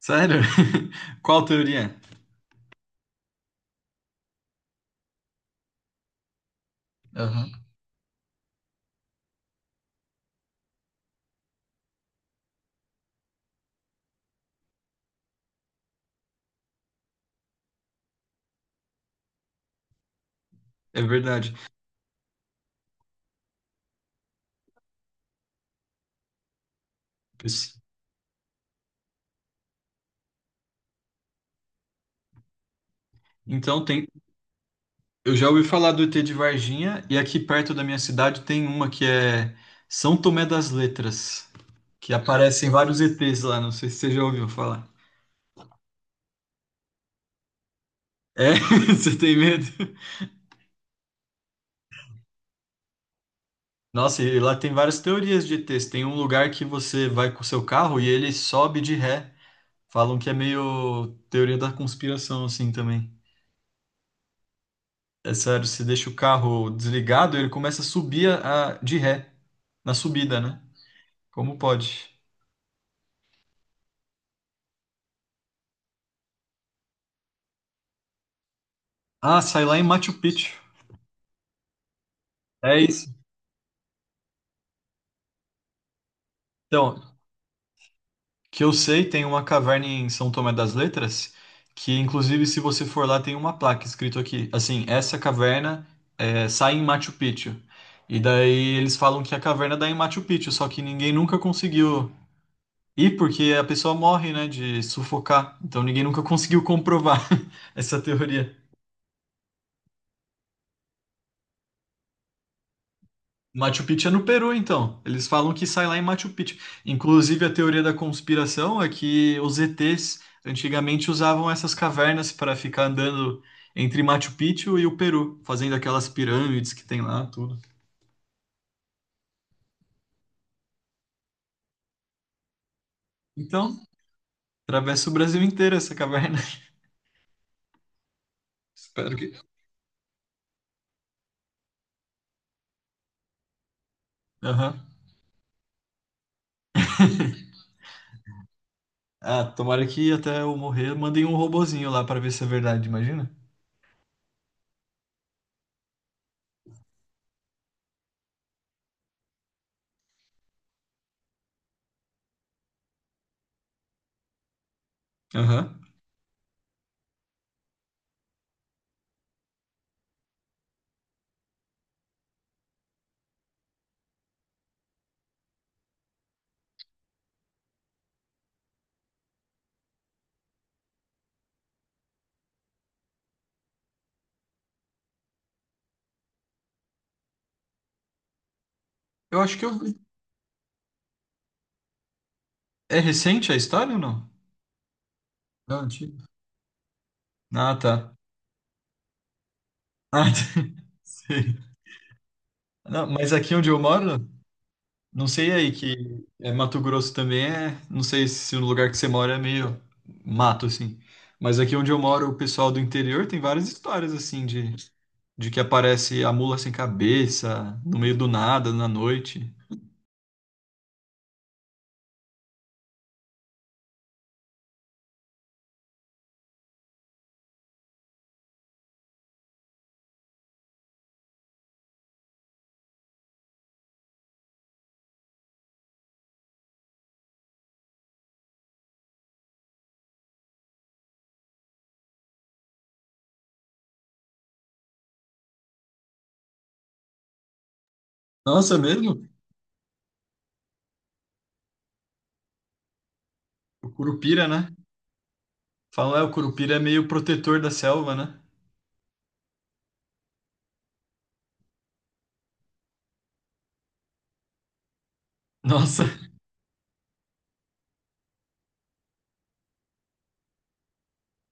Sério? Qual teoria? Aham. É verdade. Pois- Então tem. Eu já ouvi falar do ET de Varginha e aqui perto da minha cidade tem uma que é São Tomé das Letras, que aparecem vários ETs lá. Não sei se você já ouviu falar. É? Você tem medo? Nossa, e lá tem várias teorias de ETs. Tem um lugar que você vai com o seu carro e ele sobe de ré. Falam que é meio teoria da conspiração assim também. É sério, se deixa o carro desligado, ele começa a subir de ré, na subida, né? Como pode? Ah, sai lá em Machu Picchu. É isso. Então, que eu sei, tem uma caverna em São Tomé das Letras, que inclusive se você for lá tem uma placa escrito aqui, assim, essa caverna é, sai em Machu Picchu. E daí eles falam que a caverna dá em Machu Picchu, só que ninguém nunca conseguiu ir porque a pessoa morre, né, de sufocar. Então ninguém nunca conseguiu comprovar essa teoria. Machu Picchu é no Peru, então. Eles falam que sai lá em Machu Picchu. Inclusive, a teoria da conspiração é que os ETs antigamente usavam essas cavernas para ficar andando entre Machu Picchu e o Peru, fazendo aquelas pirâmides que tem lá, tudo. Então, atravessa o Brasil inteiro essa caverna. Espero que. Aham. Ah, tomara que até eu morrer mandem um robozinho lá para ver se é verdade, imagina? Aham. Eu acho que eu vi. É recente a história ou não? Não, antigo. Ah, tá. Ah, tá. Sei. Não, mas aqui onde eu moro, não sei aí que é Mato Grosso também é, não sei se no lugar que você mora é meio mato assim. Mas aqui onde eu moro, o pessoal do interior tem várias histórias assim de que aparece a mula sem cabeça no meio do nada na noite. Nossa, mesmo? O curupira, né? Falam, é, o curupira é meio protetor da selva, né? Nossa,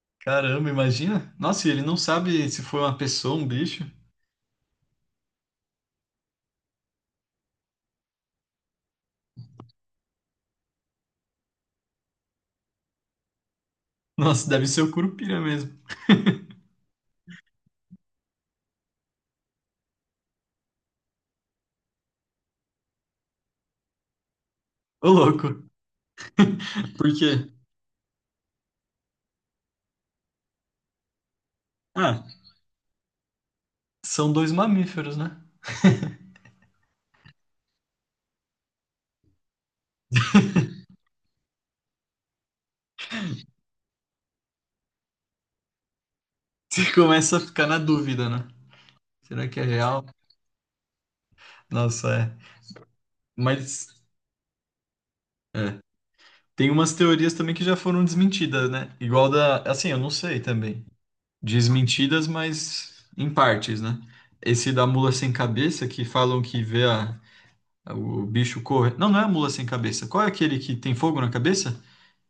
caramba, imagina? Nossa, e ele não sabe se foi uma pessoa, um bicho. Nossa, deve ser o curupira mesmo. Ô, louco. Por quê? Ah, são dois mamíferos, né? Você começa a ficar na dúvida, né? Será que é real? Nossa, é. Mas é. Tem umas teorias também que já foram desmentidas, né? Igual da. Assim, eu não sei também. Desmentidas, mas em partes, né? Esse da mula sem cabeça, que falam que vê o bicho correr. Não, não é a mula sem cabeça. Qual é aquele que tem fogo na cabeça?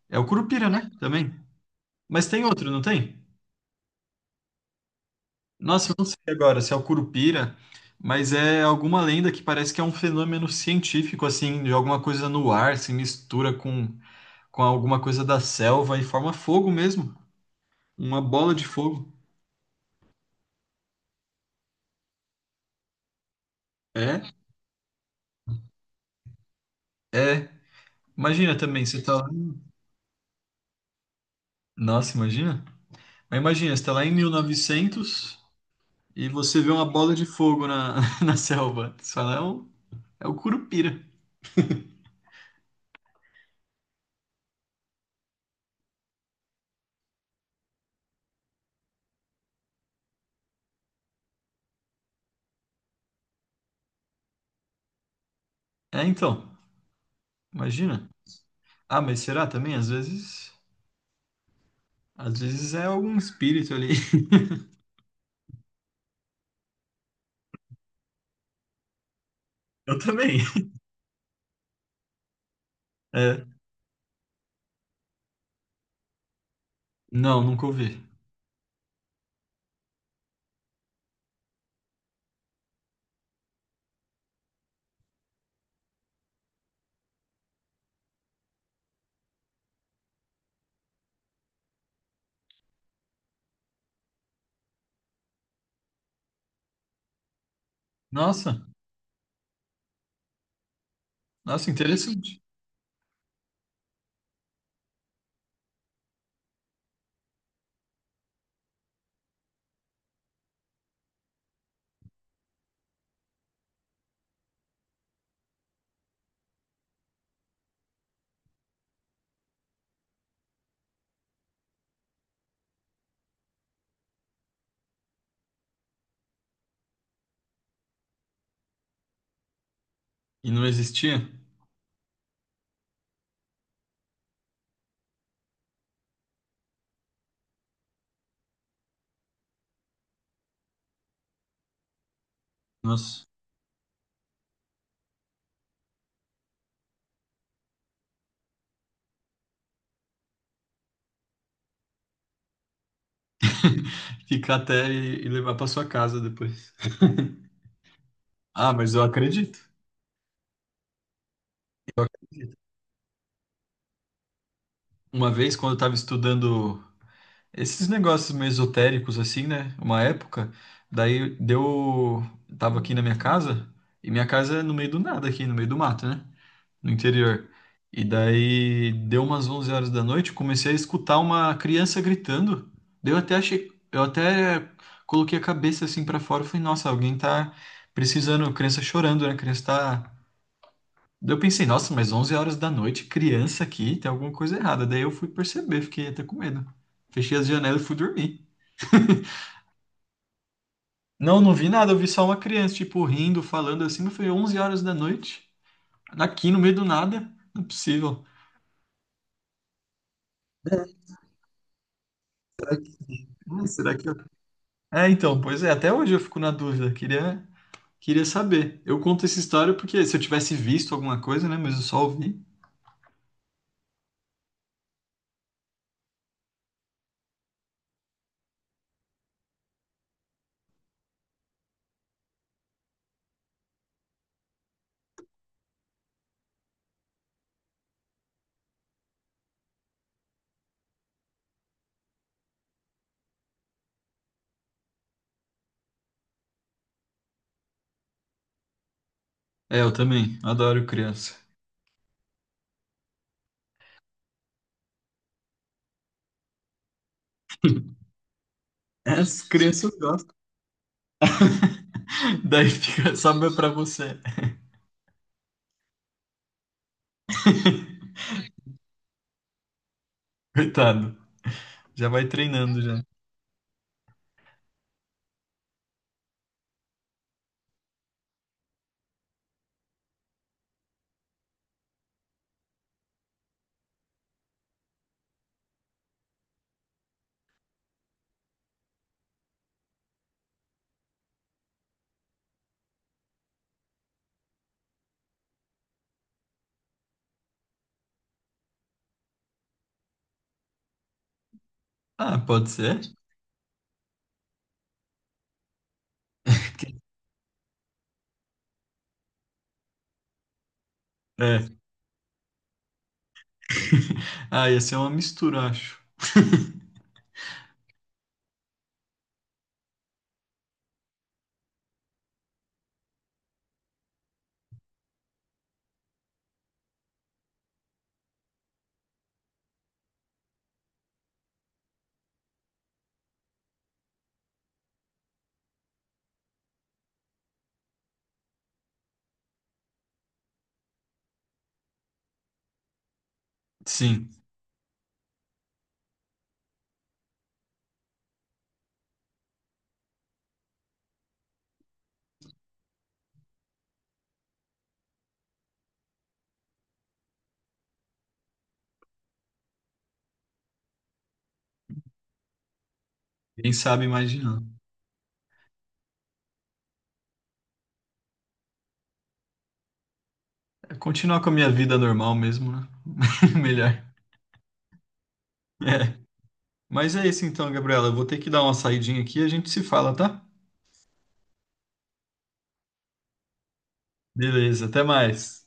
É o curupira, né? Também. Mas tem outro, não tem? Nossa, eu não sei agora se é o Curupira, mas é alguma lenda que parece que é um fenômeno científico, assim, de alguma coisa no ar, se mistura com alguma coisa da selva e forma fogo mesmo. Uma bola de fogo. É, é. Imagina também, você tá lá. Nossa, imagina. Mas imagina, você tá lá em 1900 e novecentos e você vê uma bola de fogo na, na selva. Você fala, é o, é o Curupira. É, então. Imagina. Ah, mas será também? Às vezes. Às vezes é algum espírito ali. Eu também. É, não, nunca ouvi. Nossa, nossa, interessante. E não existia? Nossa, ficar até e levar para sua casa depois. Ah, mas eu acredito. Eu acredito. Uma vez, quando eu estava estudando esses negócios meio esotéricos, assim, né? Uma época, daí deu. Tava aqui na minha casa, e minha casa é no meio do nada, aqui no meio do mato, né? No interior. E daí deu umas 11 horas da noite, comecei a escutar uma criança gritando. Daí eu até achei, eu até coloquei a cabeça assim pra fora e falei, nossa, alguém tá precisando, criança chorando, né? Criança tá. Daí eu pensei, nossa, mas 11 horas da noite, criança aqui, tem alguma coisa errada. Daí eu fui perceber, fiquei até com medo. Fechei as janelas e fui dormir. Não, não vi nada, eu vi só uma criança, tipo, rindo, falando assim, mas foi 11 horas da noite, aqui no meio do nada, não é possível. Será será que, é, então, pois é, até hoje eu fico na dúvida, queria, queria saber. Eu conto essa história porque se eu tivesse visto alguma coisa, né, mas eu só ouvi. É, eu também, adoro criança. As crianças gostam. Daí fica só meu pra você. Coitado, já vai treinando já. Ah, pode ser? É. Ah, ia ser uma mistura, acho. Sim, quem sabe imaginar. É, continuar com a minha vida normal mesmo, né? Melhor. É. Mas é isso então, Gabriela. Eu vou ter que dar uma saidinha aqui e a gente se fala, tá? Beleza, até mais.